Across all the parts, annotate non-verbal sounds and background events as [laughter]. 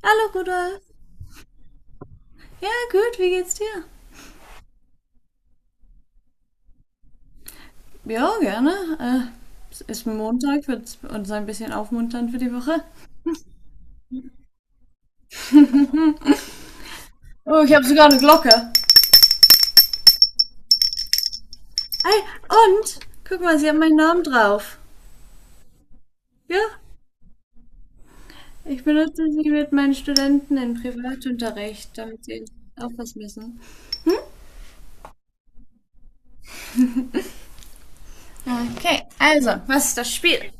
Hallo Rudolf. Ja, gut, wie geht's dir? Ja, gerne. Es ist Montag, wird uns ein bisschen aufmunternd für die Woche. Oh, ich habe sogar eine Glocke. Ei, und? Guck mal, sie hat meinen Namen drauf. Ja, ich benutze sie mit meinen Studenten im Privatunterricht, damit sie auch was wissen. Okay, also, was ist das Spiel?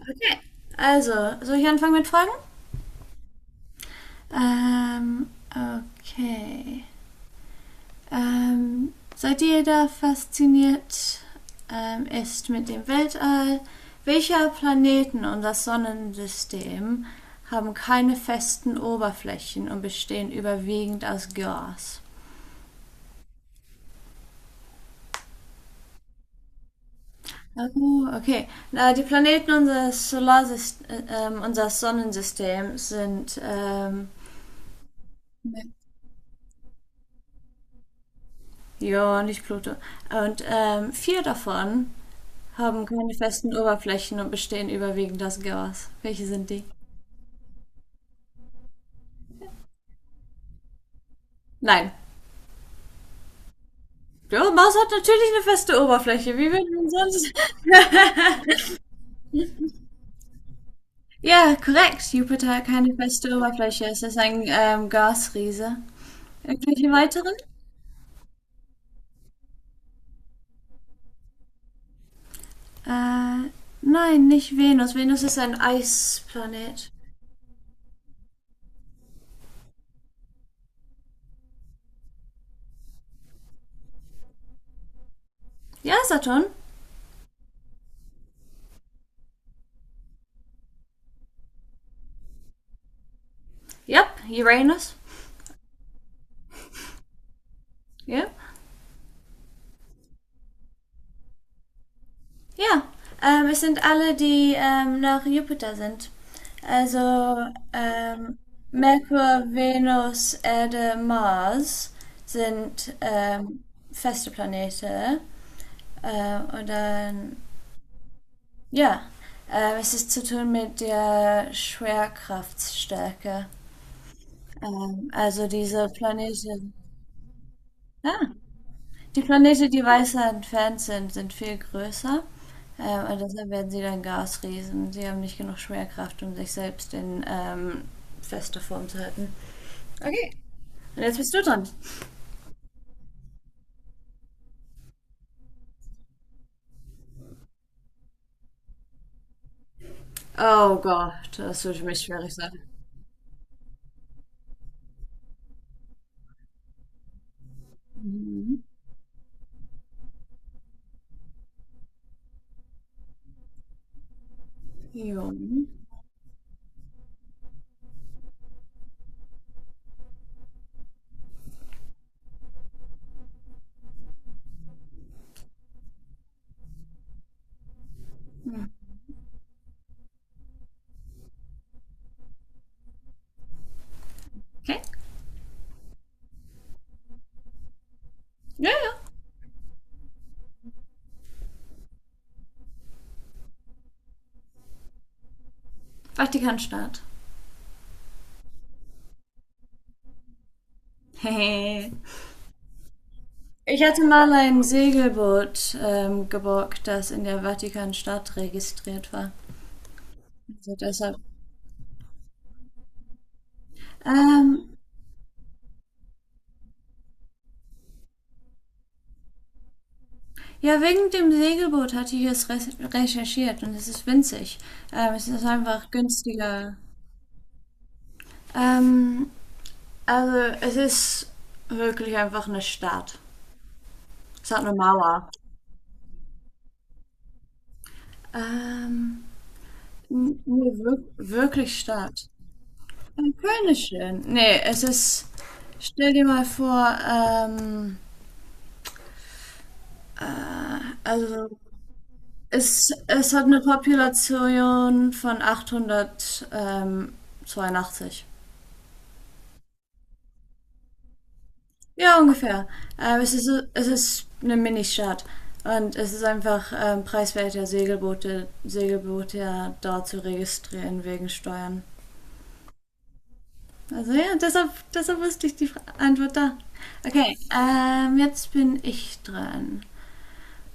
Okay. Also, soll ich anfangen mit Fragen? Ähm, okay. Seit jeder fasziniert ist mit dem Weltall, welche Planeten und das Sonnensystem haben keine festen Oberflächen und bestehen überwiegend aus Gas. Oh, okay. Die Planeten unseres Solarsystem, unseres Sonnensystems sind ja nicht Pluto. Und vier davon haben keine festen Oberflächen und bestehen überwiegend aus Gas. Welche sind die? Nein, Blaue Maus hat natürlich eine feste Oberfläche. Wie würden wir sonst. Ja, korrekt. Jupiter hat keine feste Oberfläche. Es ist ein Gasriese. Irgendwelche weiteren? Äh, nein, nicht Venus. Venus ist ein Eisplanet. Ja, Saturn. Ja, yep, Uranus. Ja. Ja, es sind alle, die nach Jupiter sind. Also ähm, Merkur, Venus, Erde, Mars sind feste Planete. Und dann, ja, es ist zu tun mit der Schwerkraftstärke. Also diese Planeten, ah, die Planeten, die weiter entfernt sind, sind viel größer. Und deshalb werden sie dann Gasriesen. Sie haben nicht genug Schwerkraft, um sich selbst in fester Form zu halten. Okay. Und jetzt bist du dran. Oh Gott, das wird für mich schwierig sein. Mhm. Jo. Okay. Ja, ja. Vatikanstaat. [laughs] Hehe. Ich hatte mal ein Segelboot geborgt, das in der Vatikanstadt registriert war. Also deshalb. Ähm, ja, wegen dem Segelboot hatte ich es re recherchiert und es ist winzig. Es ist einfach günstiger. Ähm, also es ist wirklich einfach eine Stadt. Es hat eine Mauer. Ähm, Nee, wir wirklich Stadt. Köln ist schön. Nee, es ist, stell dir mal vor, also es hat eine Population von 882. Ja, ungefähr. Es ist, es ist eine Ministadt. Und es ist einfach preiswerter, Segelboote, ja da zu registrieren wegen Steuern. Also ja, deshalb, deshalb wusste ich die Antwort da. Okay, jetzt bin ich dran.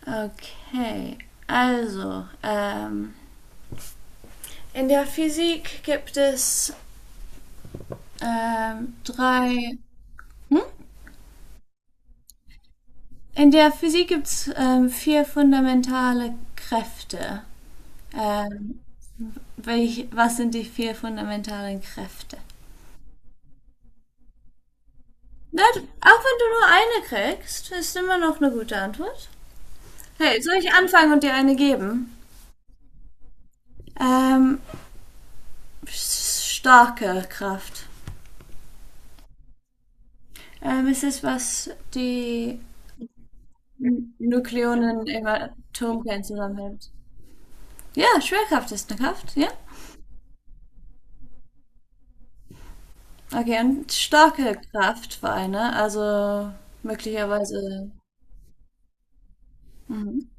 Okay, also, in der Physik gibt es drei Hm? In der Physik gibt es vier fundamentale Kräfte. Ähm, was sind die vier fundamentalen Kräfte? Na, auch wenn du nur eine kriegst, ist immer noch eine gute Antwort. Hey, soll ich anfangen und dir eine geben? Ähm, starke Kraft. Es ist, was die Nukleonen im Atomkern zusammenhält. Ja, Schwerkraft ist eine Kraft, ja. Okay, und starke Kraftvereine, also möglicherweise. Mhm.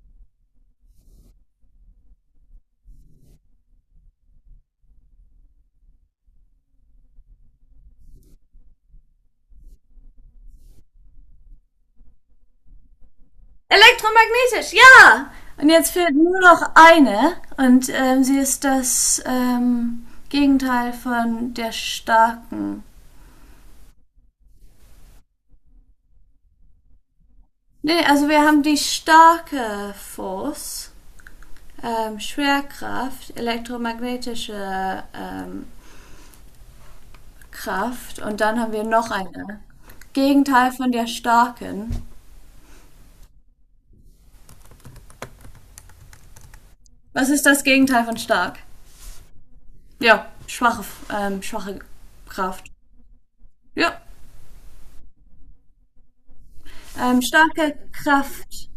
Elektromagnetisch, ja! Und jetzt fehlt nur noch eine und sie ist das Gegenteil von der starken. Nee, also wir haben die starke Force, Schwerkraft, elektromagnetische Kraft und dann haben wir noch eine. Gegenteil von der starken. Was ist das Gegenteil von stark? Ja, schwache, schwache Kraft. Ja. Starke Kraft.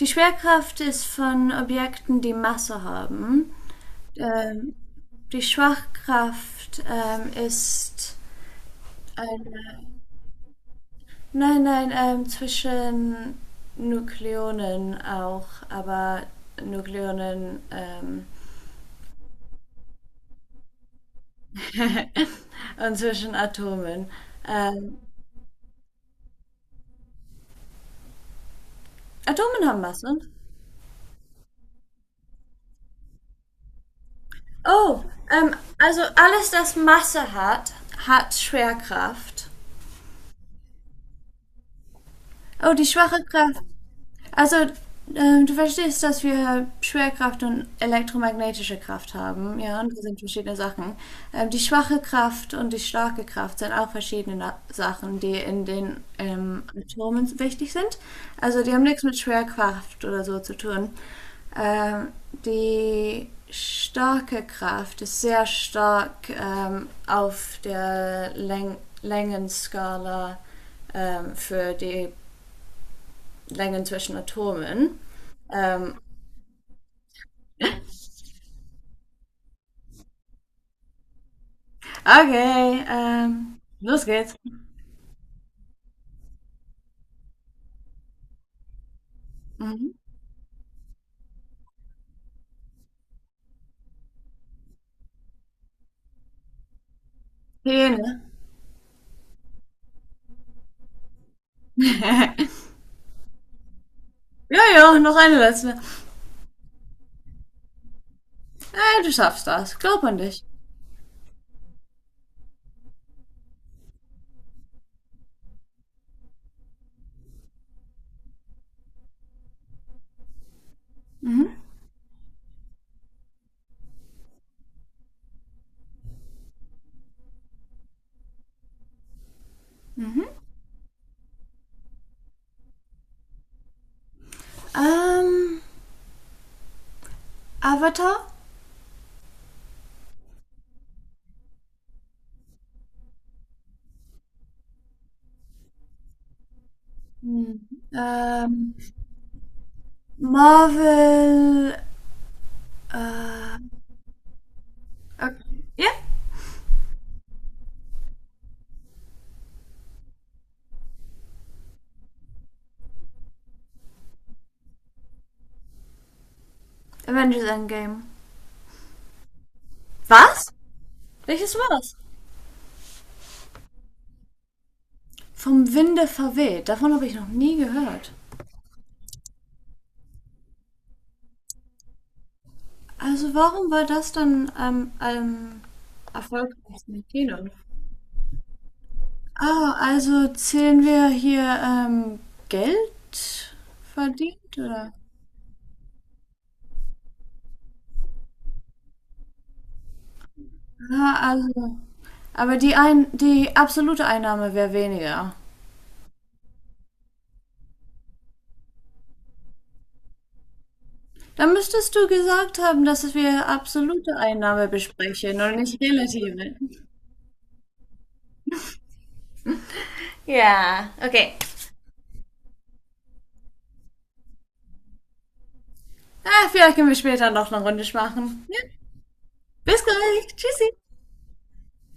Die Schwerkraft ist von Objekten, die Masse haben. Ähm, die Schwachkraft ist eine. Nein, nein, zwischen Nukleonen auch, aber Nukleonen und zwischen Atomen. Ähm, Atomen haben Masse. Oh, also alles, das Masse hat, hat Schwerkraft. Oh, die schwache Kraft. Also, du verstehst, dass wir Schwerkraft und elektromagnetische Kraft haben, ja, und das sind verschiedene Sachen. Die schwache Kraft und die starke Kraft sind auch verschiedene Sachen, die in den Atomen wichtig sind. Also, die haben nichts mit Schwerkraft oder so zu tun. Ähm, die starke Kraft ist sehr stark auf der Längenskala für die Längen zwischen Atomen. Ähm, okay, los geht's. Mhm. Hygiene. [laughs] Ja, ja, noch eine letzte. Du schaffst das. Glaub an dich. Ähm, Avatar? Mhm. Ähm, Marvel. Äh, okay. Ja, Avengers Endgame. Was? Welches war's? Vom Winde verweht. Davon habe ich noch nie gehört. Also warum war das dann am am erfolgreichsten Kino? Ah, also zählen wir hier Geld verdient, oder? Ah, also. Aber die, ein die absolute Einnahme wäre weniger. Dann müsstest du gesagt haben, dass wir absolute Einnahme besprechen und nicht relative. Ja, okay. Ah, vielleicht können wir später noch eine Runde machen. Ja. Bis gleich. Tschüssi.